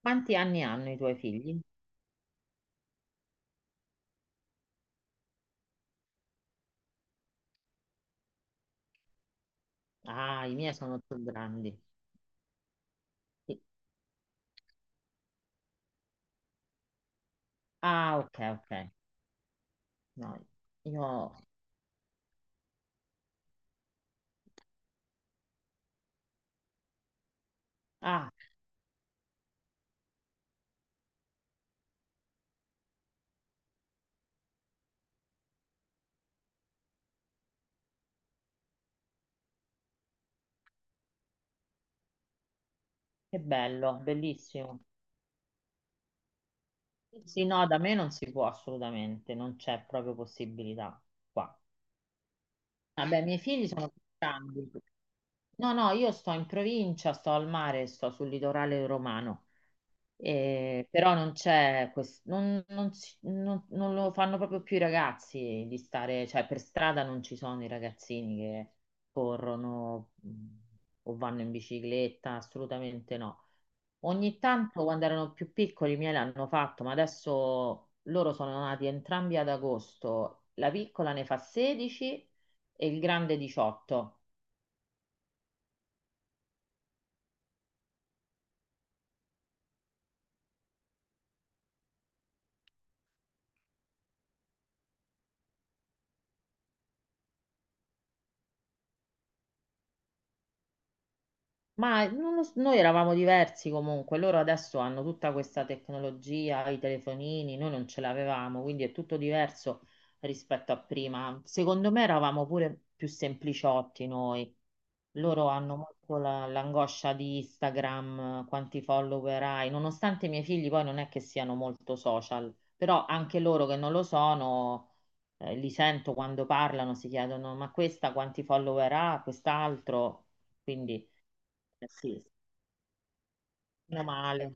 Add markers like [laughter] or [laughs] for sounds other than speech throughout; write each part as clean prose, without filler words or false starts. Quanti anni hanno i tuoi figli? Ah, i miei sono più grandi. Sì. Ah, ok, ok. No, io. Ah, che bello, bellissimo. Sì, no, da me non si può assolutamente, non c'è proprio possibilità qua. Vabbè, i miei figli sono più grandi. No, no, io sto in provincia, sto al mare, sto sul litorale romano. Però non c'è questo, non, non si- non- non lo fanno proprio più i ragazzi di stare, cioè per strada non ci sono i ragazzini che corrono o vanno in bicicletta, assolutamente no. Ogni tanto quando erano più piccoli i miei l'hanno fatto, ma adesso loro sono nati entrambi ad agosto. La piccola ne fa 16 e il grande 18. Ma non lo s- noi eravamo diversi comunque, loro adesso hanno tutta questa tecnologia, i telefonini, noi non ce l'avevamo, quindi è tutto diverso rispetto a prima. Secondo me eravamo pure più sempliciotti noi. Loro hanno molto l'angoscia di Instagram, quanti follower hai, nonostante i miei figli poi non è che siano molto social, però anche loro che non lo sono, li sento quando parlano, si chiedono ma questa quanti follower ha, quest'altro, quindi. Eh sì, meno male.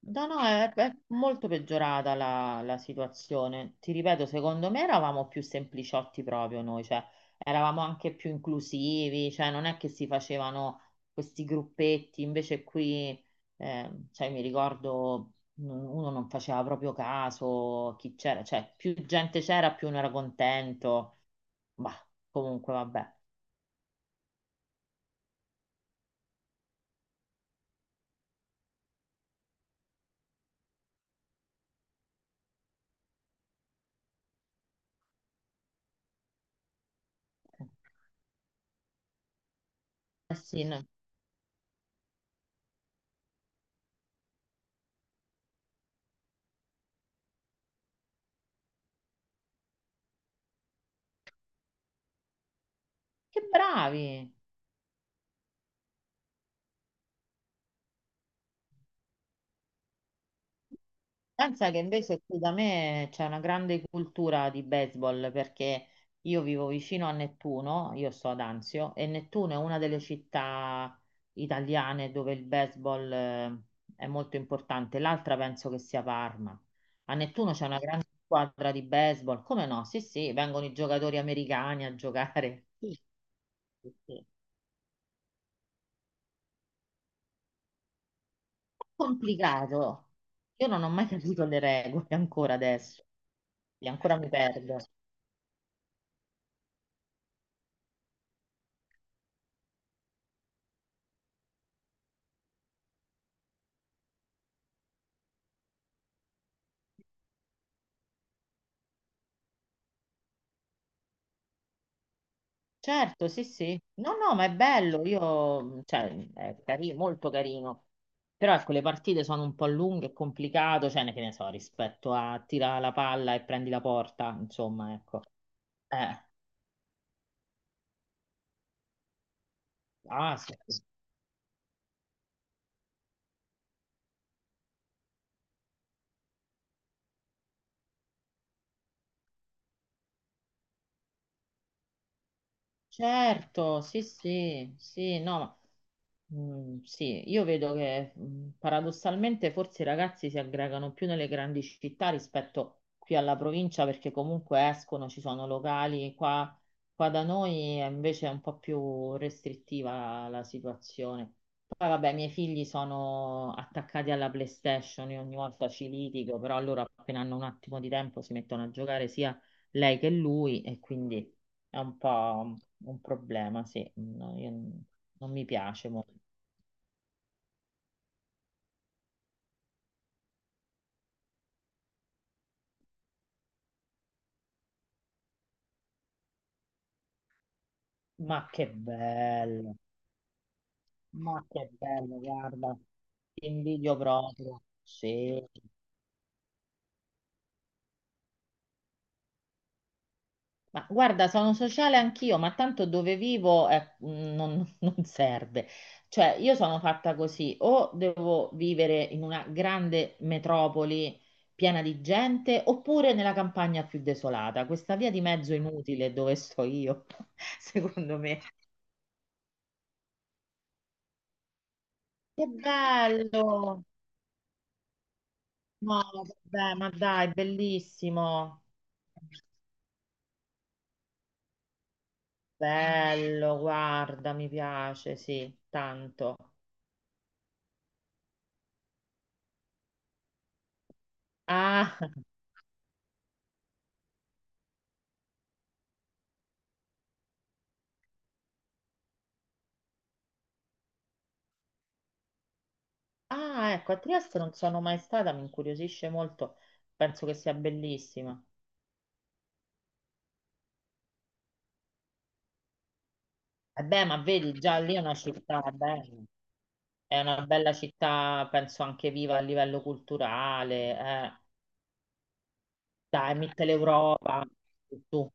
No, no, è molto peggiorata la situazione. Ti ripeto, secondo me eravamo più sempliciotti proprio noi, cioè eravamo anche più inclusivi, cioè non è che si facevano questi gruppetti, invece qui, cioè mi ricordo, uno non faceva proprio caso a chi c'era, cioè più gente c'era, più uno era contento. Bah, comunque vabbè. Eh sì, no. Che bravi! Pensa che invece qui da me c'è una grande cultura di baseball perché io vivo vicino a Nettuno, io sto ad Anzio, e Nettuno è una delle città italiane dove il baseball è molto importante. L'altra penso che sia Parma. A Nettuno c'è una grande squadra di baseball, come no? Sì, sì, vengono i giocatori americani a giocare. Sì, sì, sì. Complicato. Io non ho mai capito le regole ancora adesso, e ancora mi perdo. Certo, sì, sì. No, no, ma è bello, io, cioè, è carino, molto carino. Però ecco, le partite sono un po' lunghe, è complicato, cioè, ne che ne so, rispetto a tira la palla e prendi la porta, insomma, ecco. Eh, ah, sì. Sì. Certo, sì, sì, sì, no. Mm, sì, io vedo che paradossalmente forse i ragazzi si aggregano più nelle grandi città rispetto qui alla provincia perché comunque escono, ci sono locali, qua, qua da noi è invece un po' più restrittiva la situazione. Poi vabbè, i miei figli sono attaccati alla PlayStation, io ogni volta ci litigo, però loro appena hanno un attimo di tempo si mettono a giocare sia lei che lui. È un po' un problema, sì. No, non mi piace molto. Ma che bello, ma che bello, guarda, ti invidio proprio. Sì. Ma guarda, sono sociale anch'io, ma tanto dove vivo non, [laughs] non serve. Cioè, io sono fatta così, o devo vivere in una grande metropoli piena di gente, oppure nella campagna più desolata. Questa via di mezzo inutile dove sto io, [laughs] secondo me. Che bello! No, vabbè, ma dai, bellissimo. Bello, guarda, mi piace, sì, tanto. Ah, ah, ecco, a Trieste non sono mai stata, mi incuriosisce molto. Penso che sia bellissima. Eh beh, ma vedi, già lì è una città bella. È una bella città, penso anche viva a livello culturale. Eh. Dai, Mitteleuropa. Tu.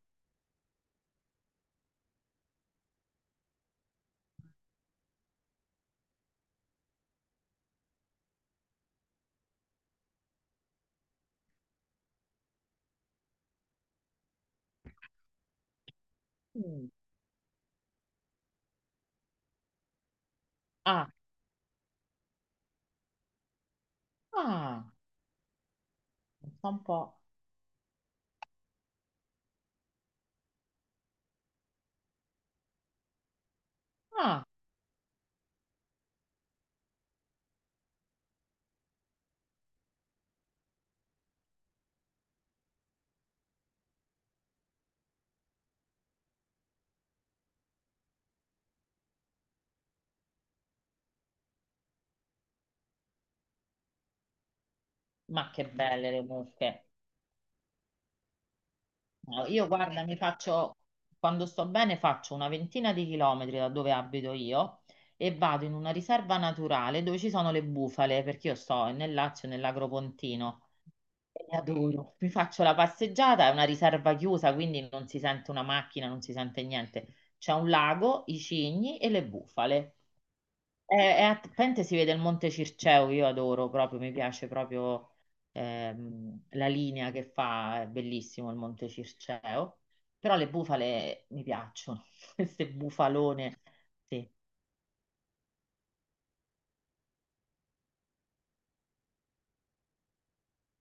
Mm. Ah, ah, un po'. Ah. Ma che belle le mucche. No, io guarda, quando sto bene, faccio una ventina di chilometri da dove abito io e vado in una riserva naturale dove ci sono le bufale, perché io sto nel Lazio, nell'Agropontino. E le adoro. Mi faccio la passeggiata, è una riserva chiusa, quindi non si sente una macchina, non si sente niente. C'è un lago, i cigni e le bufale. È a Pente si vede il Monte Circeo, io adoro proprio, mi piace proprio la linea che fa, è bellissimo il Monte Circeo, però le bufale mi piacciono, [laughs] queste bufalone, sì.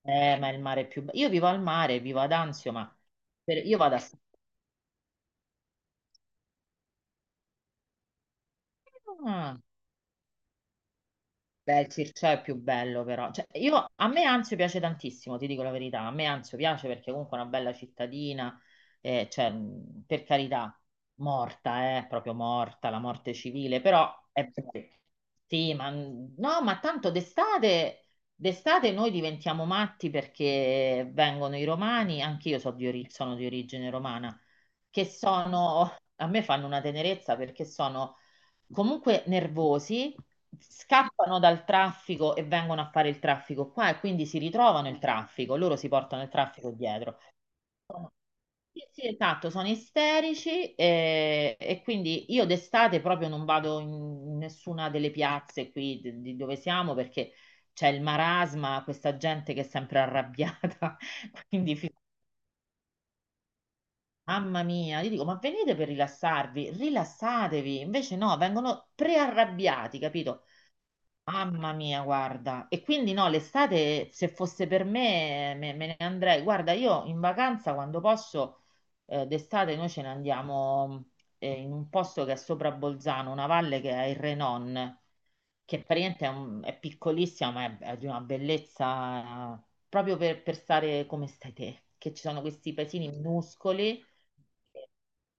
Ma il mare è più bello. Io vivo al mare, vivo ad Anzio, ma io vado a. Ah, beh, il Circeo è più bello però. Cioè, io, a me Anzio piace tantissimo, ti dico la verità. A me Anzio piace perché comunque è una bella cittadina, cioè, per carità, morta, proprio morta, la morte civile, però è. Sì, ma no, ma tanto d'estate noi diventiamo matti perché vengono i romani, anche io sono di origine romana, che sono, a me fanno una tenerezza perché sono comunque nervosi, scappano dal traffico e vengono a fare il traffico qua e quindi si ritrovano il traffico, loro si portano il traffico dietro. Sì, sì, esatto, sono isterici e, quindi io d'estate proprio non vado in nessuna delle piazze qui di dove siamo perché c'è il marasma, questa gente che è sempre arrabbiata, [laughs] quindi mamma mia, gli dico ma venite per rilassarvi, rilassatevi, invece no, vengono prearrabbiati, capito? Mamma mia, guarda. E quindi no, l'estate, se fosse per me, me ne andrei. Guarda, io in vacanza, quando posso, d'estate noi ce ne andiamo in un posto che è sopra Bolzano, una valle che è il Renon, che praticamente è piccolissima, ma è di una bellezza proprio per stare come stai te, che ci sono questi paesini minuscoli